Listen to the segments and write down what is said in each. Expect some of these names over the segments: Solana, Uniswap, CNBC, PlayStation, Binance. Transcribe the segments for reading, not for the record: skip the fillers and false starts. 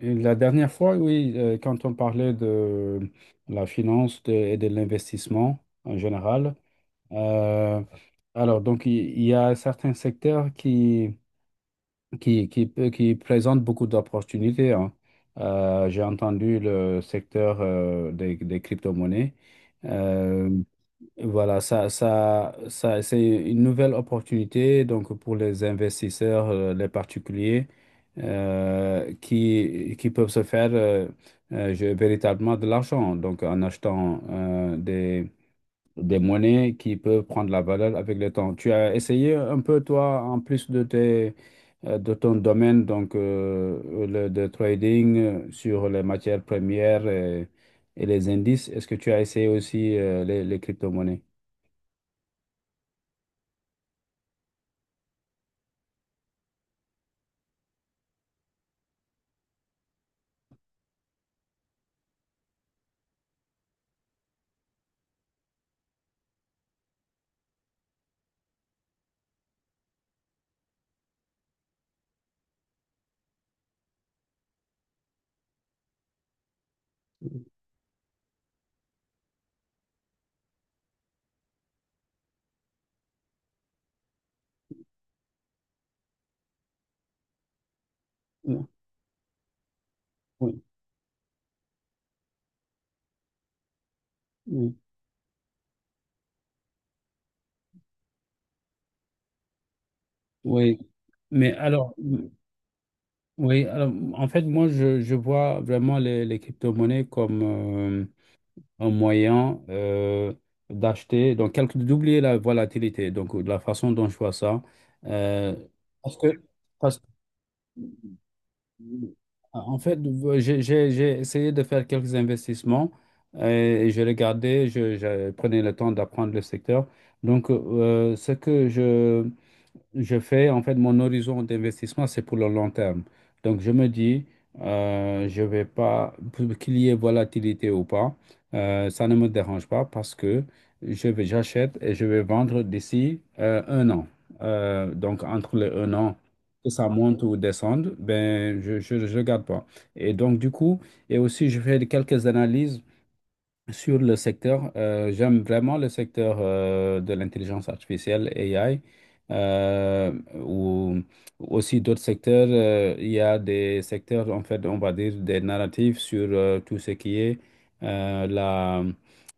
La dernière fois, oui, quand on parlait de la finance et de l'investissement en général, euh, alors donc il y a certains secteurs qui qui présentent beaucoup d'opportunités, hein. J'ai entendu le secteur des crypto-monnaies. Euh, voilà, ça c'est une nouvelle opportunité donc pour les investisseurs, les particuliers qui peuvent se faire véritablement de l'argent, donc en achetant des monnaies qui peuvent prendre la valeur avec le temps. Tu as essayé un peu, toi, en plus de tes de ton domaine, donc de trading sur les matières premières et les indices. Est-ce que tu as essayé aussi les crypto-monnaies? Oui, oui, oui. Mais alors, oui, alors, en fait, moi, je vois vraiment les crypto-monnaies comme un moyen d'acheter, donc d'oublier la volatilité, donc de la façon dont je vois ça. Euh, parce que, Parce que, en fait, j'ai essayé de faire quelques investissements, euh, et je regardais, je prenais le temps d'apprendre le secteur. Donc, ce que je fais, en fait, mon horizon d'investissement, c'est pour le long terme. Donc je me dis, je vais pas, pour qu'il y ait volatilité ou pas, ça ne me dérange pas parce que j'achète et je vais vendre d'ici un an. Donc entre les un an, que ça monte ou descende, ben je garde pas. Et donc du coup, et aussi je fais quelques analyses sur le secteur. J'aime vraiment le secteur de l'intelligence artificielle, AI, ou aussi d'autres secteurs. Il y a des secteurs, en fait, on va dire des narratifs sur tout ce qui est euh, la,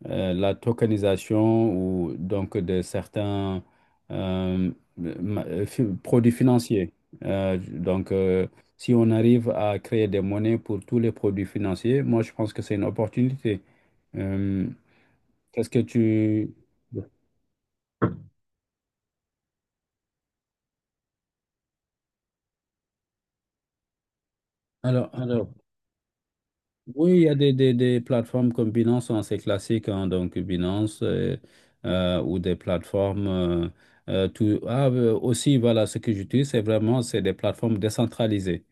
la tokenisation ou donc de certains euh, produits financiers. Euh, donc, euh, Si on arrive à créer des monnaies pour tous les produits financiers, moi, je pense que c'est une opportunité. euh, Qu'est-ce que tu... alors, oui, il y a des plateformes comme Binance, hein, c'est classique, hein, donc Binance, ou des plateformes... Ah, aussi, voilà, ce que j'utilise, c'est vraiment, c'est des plateformes décentralisées.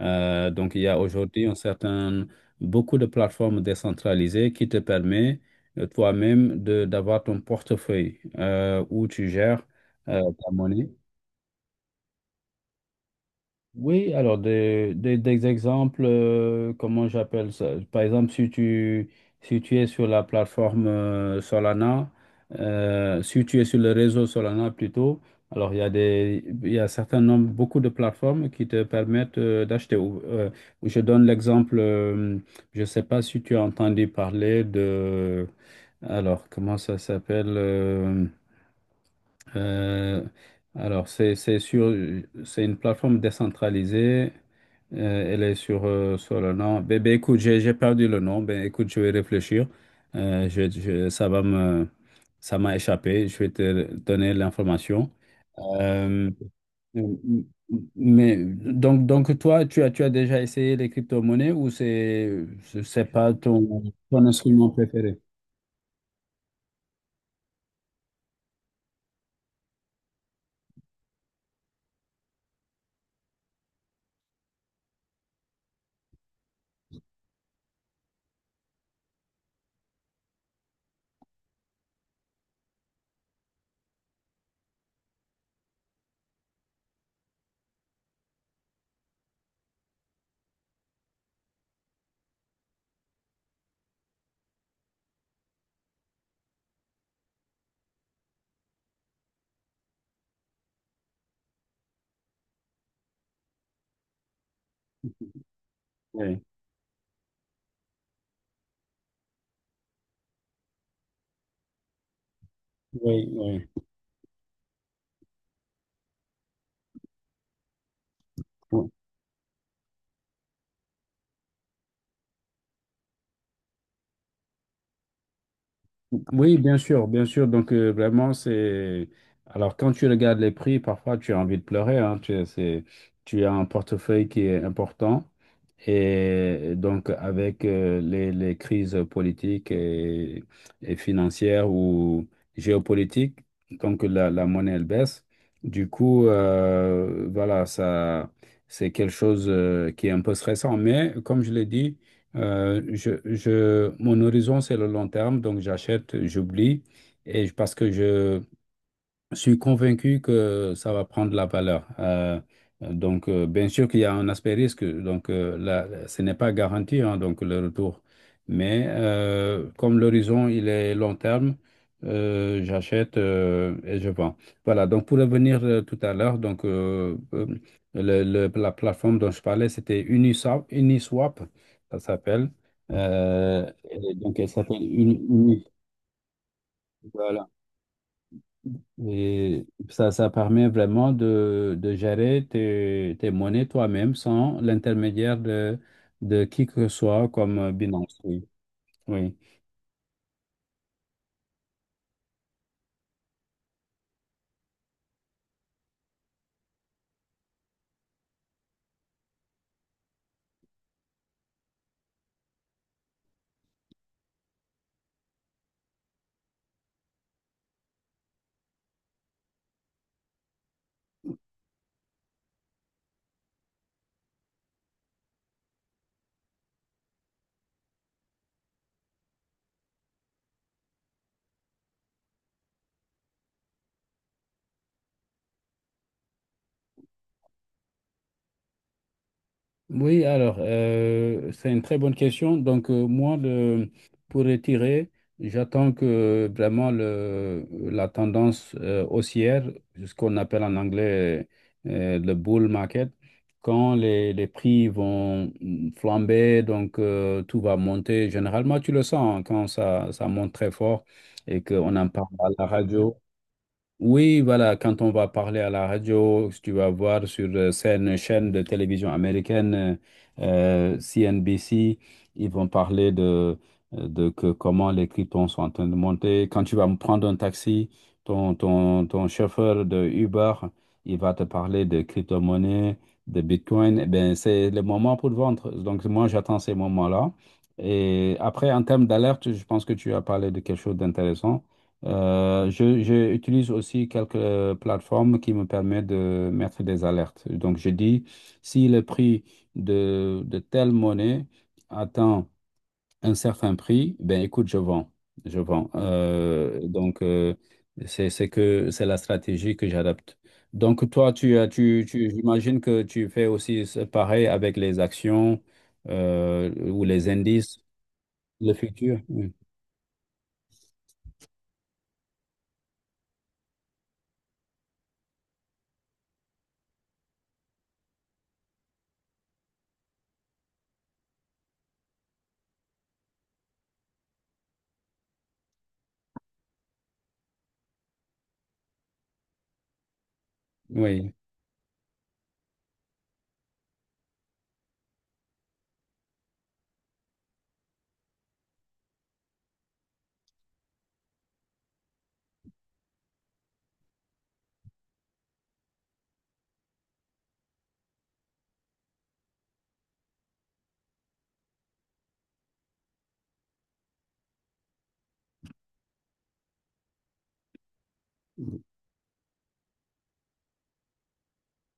Donc, il y a aujourd'hui beaucoup de plateformes décentralisées qui te permet toi-même de d'avoir ton portefeuille où tu gères ta monnaie. Oui, alors des exemples, comment j'appelle ça? Par exemple, si tu es sur la plateforme Solana, si tu es sur le réseau Solana plutôt, alors il y a il y a un certain nombre, beaucoup de plateformes qui te permettent d'acheter. Ou, je donne l'exemple, je ne sais pas si tu as entendu parler de, alors comment ça s'appelle? Euh, c'est sur, c'est une plateforme décentralisée. Elle est sur, sur le nom. Ben, ben, écoute, j'ai perdu le nom. Ben, écoute, je vais réfléchir. Ça va me, ça m'a échappé. Je vais te donner l'information. Euh, mais donc toi, tu as déjà essayé les crypto-monnaies ou c'est pas ton, ton instrument préféré? Oui, oui, oui. Oui, bien sûr, bien sûr. Donc, vraiment, c'est... Alors, quand tu regardes les prix, parfois, tu as envie de pleurer, hein. Tu, c'est... tu as un portefeuille qui est important. Et donc, avec les crises politiques et financières ou géopolitiques, comme que la monnaie, elle baisse, du coup, voilà, ça, c'est quelque chose qui est un peu stressant. Mais comme je l'ai dit, mon horizon, c'est le long terme. Donc, j'achète, j'oublie. Parce que je suis convaincu que ça va prendre la valeur. Bien sûr qu'il y a un aspect risque. Donc, là, ce n'est pas garanti, hein, donc le retour. Mais comme l'horizon, il est long terme, j'achète et je vends. Voilà. Donc, pour revenir tout à l'heure, la plateforme dont je parlais, c'était Uniswap, Uniswap, ça s'appelle. Et donc, elle s'appelle Uniswap. Et ça permet vraiment de gérer tes monnaies toi-même sans l'intermédiaire de qui que ce soit comme Binance. Oui, oui. Oui, alors, c'est une très bonne question. Donc, moi, pour retirer, j'attends que vraiment la tendance haussière, ce qu'on appelle en anglais le bull market, quand les prix vont mm, flamber, donc tout va monter. Généralement, tu le sens, hein, quand ça monte très fort et qu'on en parle à la radio. Oui, voilà, quand on va parler à la radio, si tu vas voir sur certaines chaînes de télévision américaine, CNBC, ils vont parler de que comment les cryptons sont en train de monter. Quand tu vas prendre un taxi, ton chauffeur de Uber, il va te parler de crypto-monnaie, de Bitcoin. Eh bien, c'est le moment pour vendre. Donc, moi, j'attends ces moments-là. Et après, en termes d'alerte, je pense que tu as parlé de quelque chose d'intéressant. Je utilise aussi quelques plateformes qui me permettent de mettre des alertes. Donc, je dis, si le prix de telle monnaie atteint un certain prix, ben écoute, je vends. Je vends. C'est que, c'est la stratégie que j'adopte. Donc, toi, tu, as- tu, j'imagine que tu fais aussi pareil avec les actions ou les indices, le futur. Oui, oui,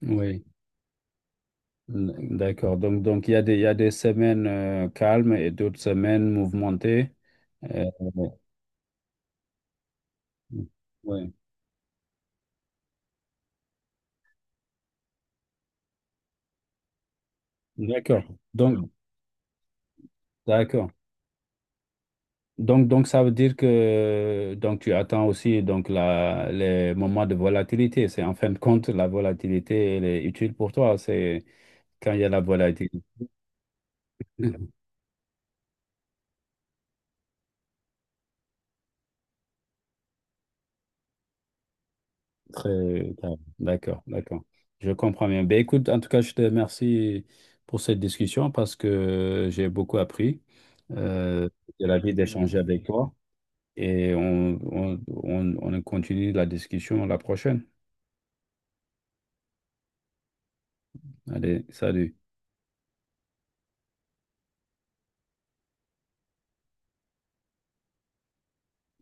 oui. D'accord. Donc il y a il y a des semaines calmes et d'autres semaines mouvementées. Euh, ouais. D'accord. Donc, d'accord. Donc, ça veut dire que donc, tu attends aussi donc, les moments de volatilité. C'est en fin de compte, la volatilité, elle est utile pour toi. C'est quand il y a la volatilité. Très bien. D'accord, d'accord. Je comprends bien. Ben, écoute, en tout cas, je te remercie pour cette discussion parce que j'ai beaucoup appris. Euh, j'ai la vie d'échanger avec toi et on continue la discussion la prochaine. Allez, salut.